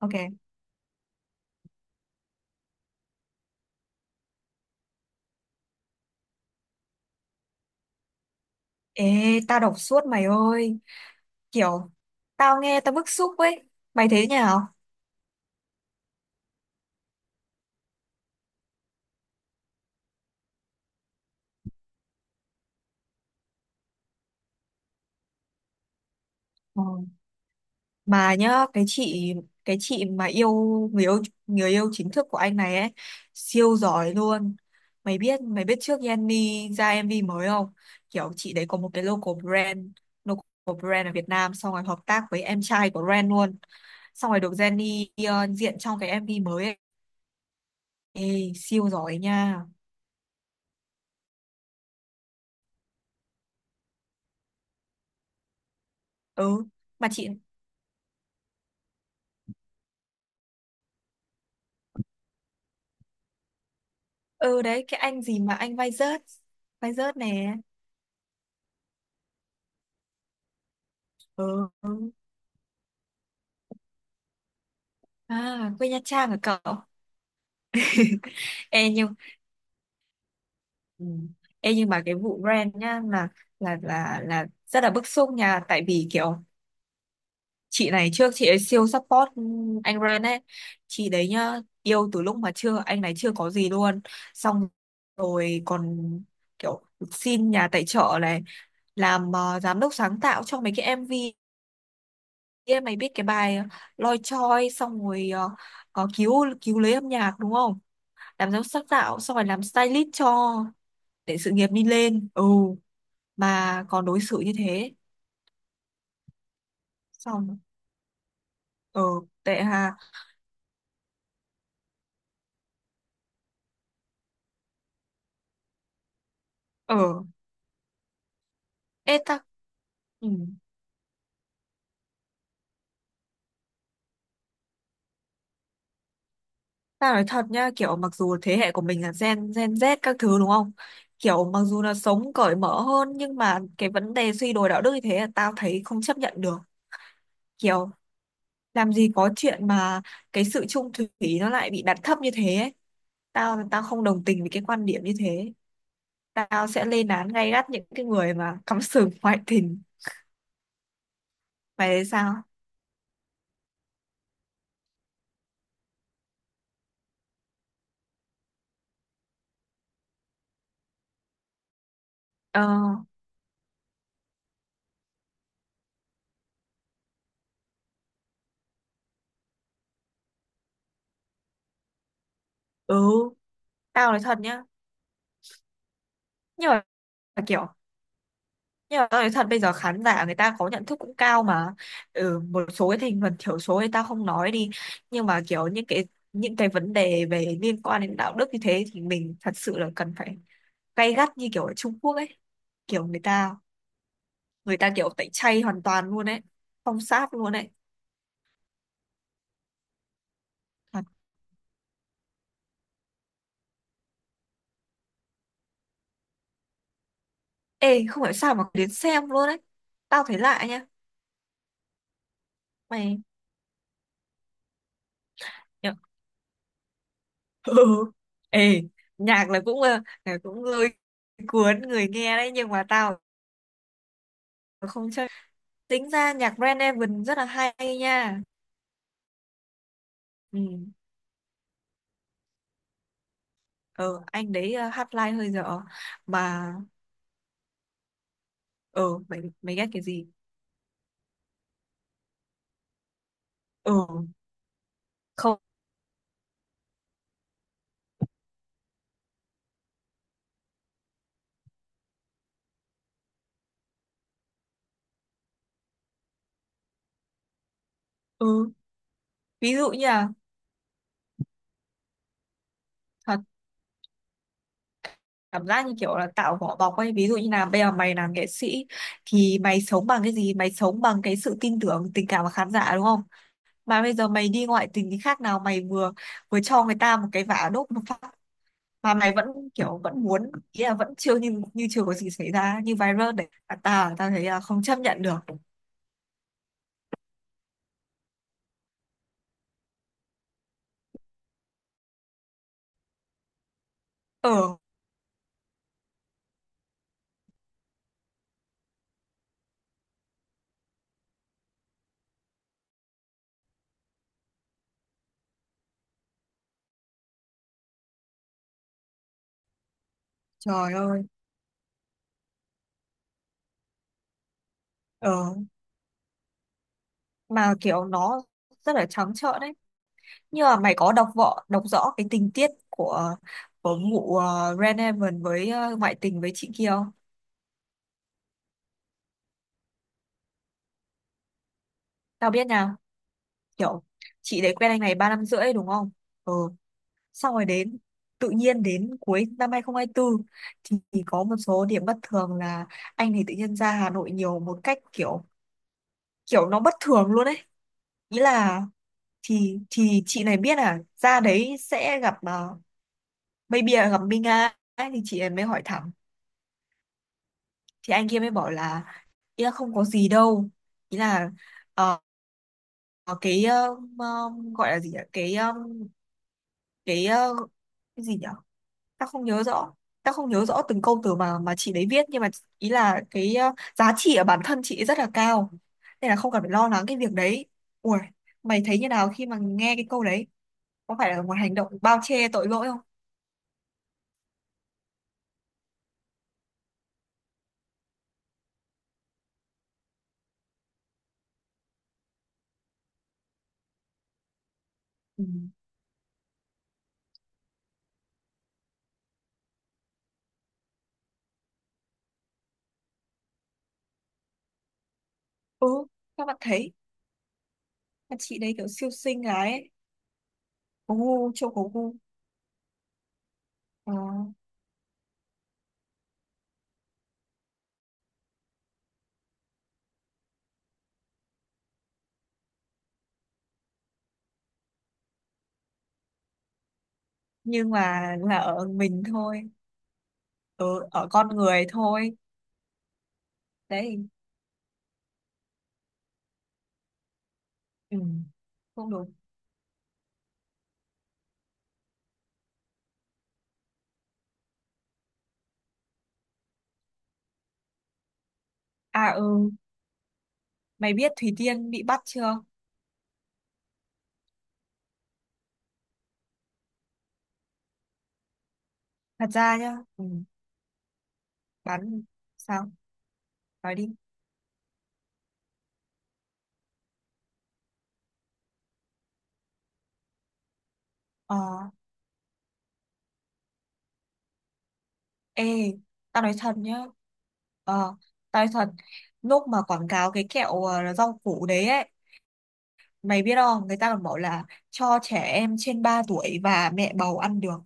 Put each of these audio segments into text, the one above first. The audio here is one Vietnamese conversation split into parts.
Ok. Ê, tao đọc suốt mày ơi. Kiểu, tao nghe tao bức xúc ấy. Mày thấy thế nào? Ờ. Mà nhá, cái chị mà yêu người yêu người yêu chính thức của anh này ấy, siêu giỏi luôn. Mày biết trước Yanmi ra MV mới không? Kiểu chị đấy có một cái local brand ở Việt Nam, xong rồi hợp tác với em trai của Ren luôn. Xong rồi được Jenny diện trong cái MV mới ấy. Ê, siêu giỏi nha. Ừ, mà chị... Ừ đấy, cái anh gì mà anh vai rớt nè. Ừ. À, quê Nha Trang hả cậu? Ê nhưng... Ừ. Ê, nhưng mà cái vụ brand nhá là rất là bức xúc nha, tại vì kiểu chị này trước chị ấy siêu support anh brand ấy. Chị đấy nhá yêu từ lúc mà chưa, anh này chưa có gì luôn, xong rồi còn kiểu xin nhà tài trợ này, làm giám đốc sáng tạo cho mấy cái MV kia, mày biết cái bài Loi Choi, xong rồi có cứu cứu lấy âm nhạc đúng không, làm giám sát tạo xong rồi làm stylist cho để sự nghiệp đi lên. Ừ, mà còn đối xử như thế. Xong. Ờ, tệ hà. Ờ. Ê ta. Ừ. Ta nói thật nhá, kiểu mặc dù thế hệ của mình là gen gen Z các thứ đúng không, kiểu mặc dù là sống cởi mở hơn, nhưng mà cái vấn đề suy đồi đạo đức như thế là tao thấy không chấp nhận được. Kiểu làm gì có chuyện mà cái sự chung thủy nó lại bị đặt thấp như thế ấy. Tao tao không đồng tình với cái quan điểm như thế. Tao sẽ lên án gay gắt những cái người mà cắm sừng ngoại tình. Mày thấy sao? Ờ. Ừ, tao nói thật nhá. Nhưng mà kiểu, nhưng mà tao nói thật, bây giờ khán giả người ta có nhận thức cũng cao mà. Ừ, một số cái thành phần thiểu số thì tao không nói đi. Nhưng mà kiểu những cái vấn đề về liên quan đến đạo đức như thế thì mình thật sự là cần phải gay gắt như kiểu ở Trung Quốc ấy. Kiểu người ta, người ta tẩy chay hoàn toàn luôn đấy, phong sát luôn đấy. Thật. Ê, không hiểu sao mà đến xem luôn đấy, tao thấy lạ nha. Mày nhở? Ừ. Ê, nhạc là cũng lôi cuốn người nghe đấy, nhưng mà tao không chơi. Tính ra nhạc Brand Evan rất là hay nha. Ừ. Ờ, anh đấy, hát live hơi dở mà. Ờ, mày mày ghét cái gì? Ừ. Không. Ừ. Ví dụ như là cảm giác như kiểu là tạo vỏ bọc ấy, ví dụ như là bây giờ mày làm nghệ sĩ, thì mày sống bằng cái gì? Mày sống bằng cái sự tin tưởng, tình cảm của khán giả đúng không? Mà bây giờ mày đi ngoại tình thì khác nào mày vừa vừa cho người ta một cái vả, đốt một phát, mà mày vẫn, kiểu vẫn muốn, ý là vẫn chưa, như như chưa có gì xảy ra, như viral đấy à. Ta ta thấy là không chấp nhận được. Ờ, trời ơi. Ờ, mà kiểu nó rất là trắng trợn đấy. Nhưng mà mày có đọc rõ cái tình tiết của vụ Red với, ngoại tình với chị kia không? Tao biết nào, kiểu chị đấy quen anh này 3 năm rưỡi đúng không? Ừ, xong rồi đến, tự nhiên đến cuối năm 2024 thì có một số điểm bất thường là anh thì tự nhiên ra Hà Nội nhiều một cách kiểu kiểu nó bất thường luôn ấy. Ý là thì chị này biết là ra đấy sẽ gặp, uh, maybe là gặp Minh Nga ấy, thì chị này mới hỏi thẳng, thì anh kia mới bảo là ý là không có gì đâu, ý là ờ, cái gọi là gì nhỉ, cái cái cái gì nhỉ, ta không nhớ rõ ta không nhớ rõ từng câu từ mà chị đấy viết, nhưng mà ý là cái, giá trị ở bản thân chị ấy rất là cao, nên là không cần phải lo lắng cái việc đấy. Ui, mày thấy như nào khi mà nghe cái câu đấy? Có phải là một hành động bao che tội lỗi không? Ừ. Ừ, các bạn thấy, mà chị đấy kiểu siêu xinh gái ấy, có gu. Ờ. Nhưng mà là ở mình thôi, ở con người thôi đấy. Ừ, không đúng. À, ừ, mày biết Thủy Tiên bị bắt chưa? Thật ra nhá. Ừ, bắn. Sao? Nói đi. Ờ. Ê, tao nói thật nhá. Ờ, tao nói thật, lúc mà quảng cáo cái kẹo, rau củ đấy ấy, mày biết không, người ta còn bảo là cho trẻ em trên 3 tuổi và mẹ bầu ăn được.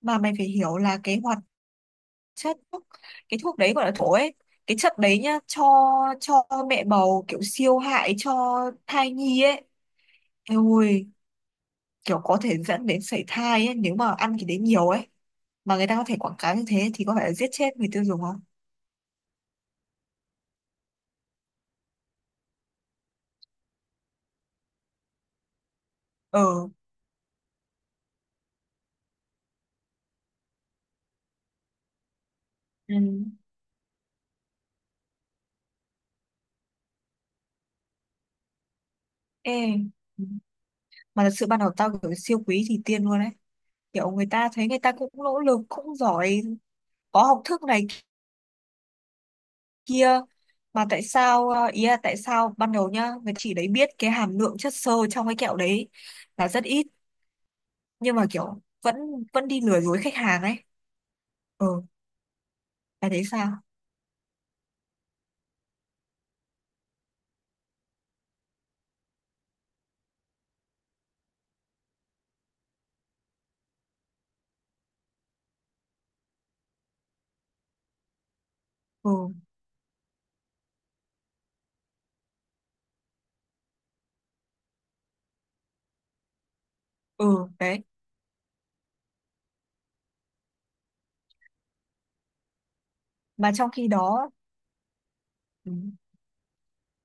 Mà mày phải hiểu là cái hoạt chất thuốc, cái thuốc đấy, gọi là thuốc ấy, cái chất đấy nhá, cho mẹ bầu kiểu siêu hại cho thai nhi ấy. Ôi, kiểu có thể dẫn đến sảy thai ấy nếu mà ăn cái đấy nhiều ấy. Mà người ta có thể quảng cáo như thế thì có phải là giết chết người tiêu dùng không? Ờ. Ừ. Ê. Ừ. Mà thật sự ban đầu tao kiểu siêu quý thì tiên luôn ấy, kiểu người ta thấy, người ta cũng nỗ lực cũng giỏi, có học thức này kia, mà tại sao, ý là tại sao ban đầu nhá, người chỉ đấy biết cái hàm lượng chất xơ trong cái kẹo đấy là rất ít, nhưng mà kiểu vẫn vẫn đi lừa dối khách hàng ấy. Ừ, là thế sao? Ừ. Ừ đấy, mà trong khi đó, ừ,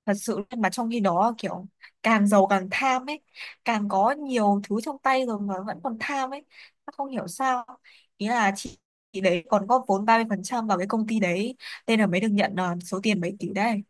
thật sự mà trong khi đó kiểu càng giàu càng tham ấy, càng có nhiều thứ trong tay rồi mà vẫn còn tham ấy, nó không hiểu sao. Ý là chị đấy còn góp vốn 30% vào cái công ty đấy, nên là mới được nhận số tiền mấy tỷ đấy.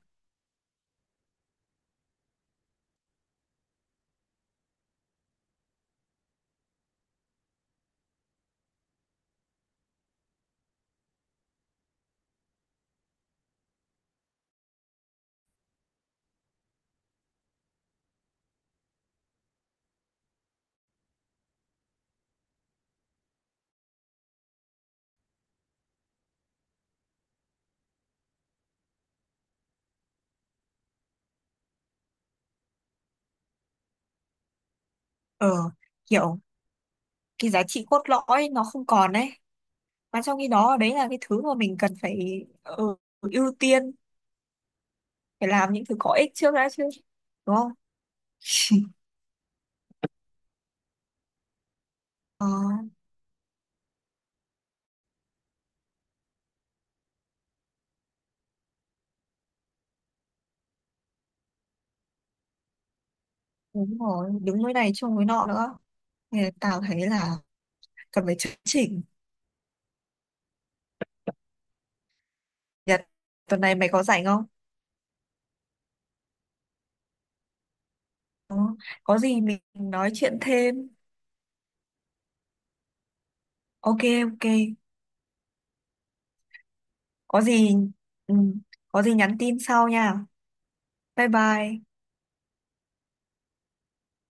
Ờ, kiểu cái giá trị cốt lõi nó không còn đấy. Mà trong khi đó, đấy là cái thứ mà mình cần phải, ưu tiên, phải làm những thứ có ích trước đã chứ, đúng không? Ờ, đúng rồi, đứng với này chung với nọ nữa, thì tao thấy là cần phải chấn chỉnh. Nhật, tuần này mày có rảnh không? Ờ, có gì mình nói chuyện thêm. Ok. Ok, có gì, ừ, có gì nhắn tin sau nha. Bye bye.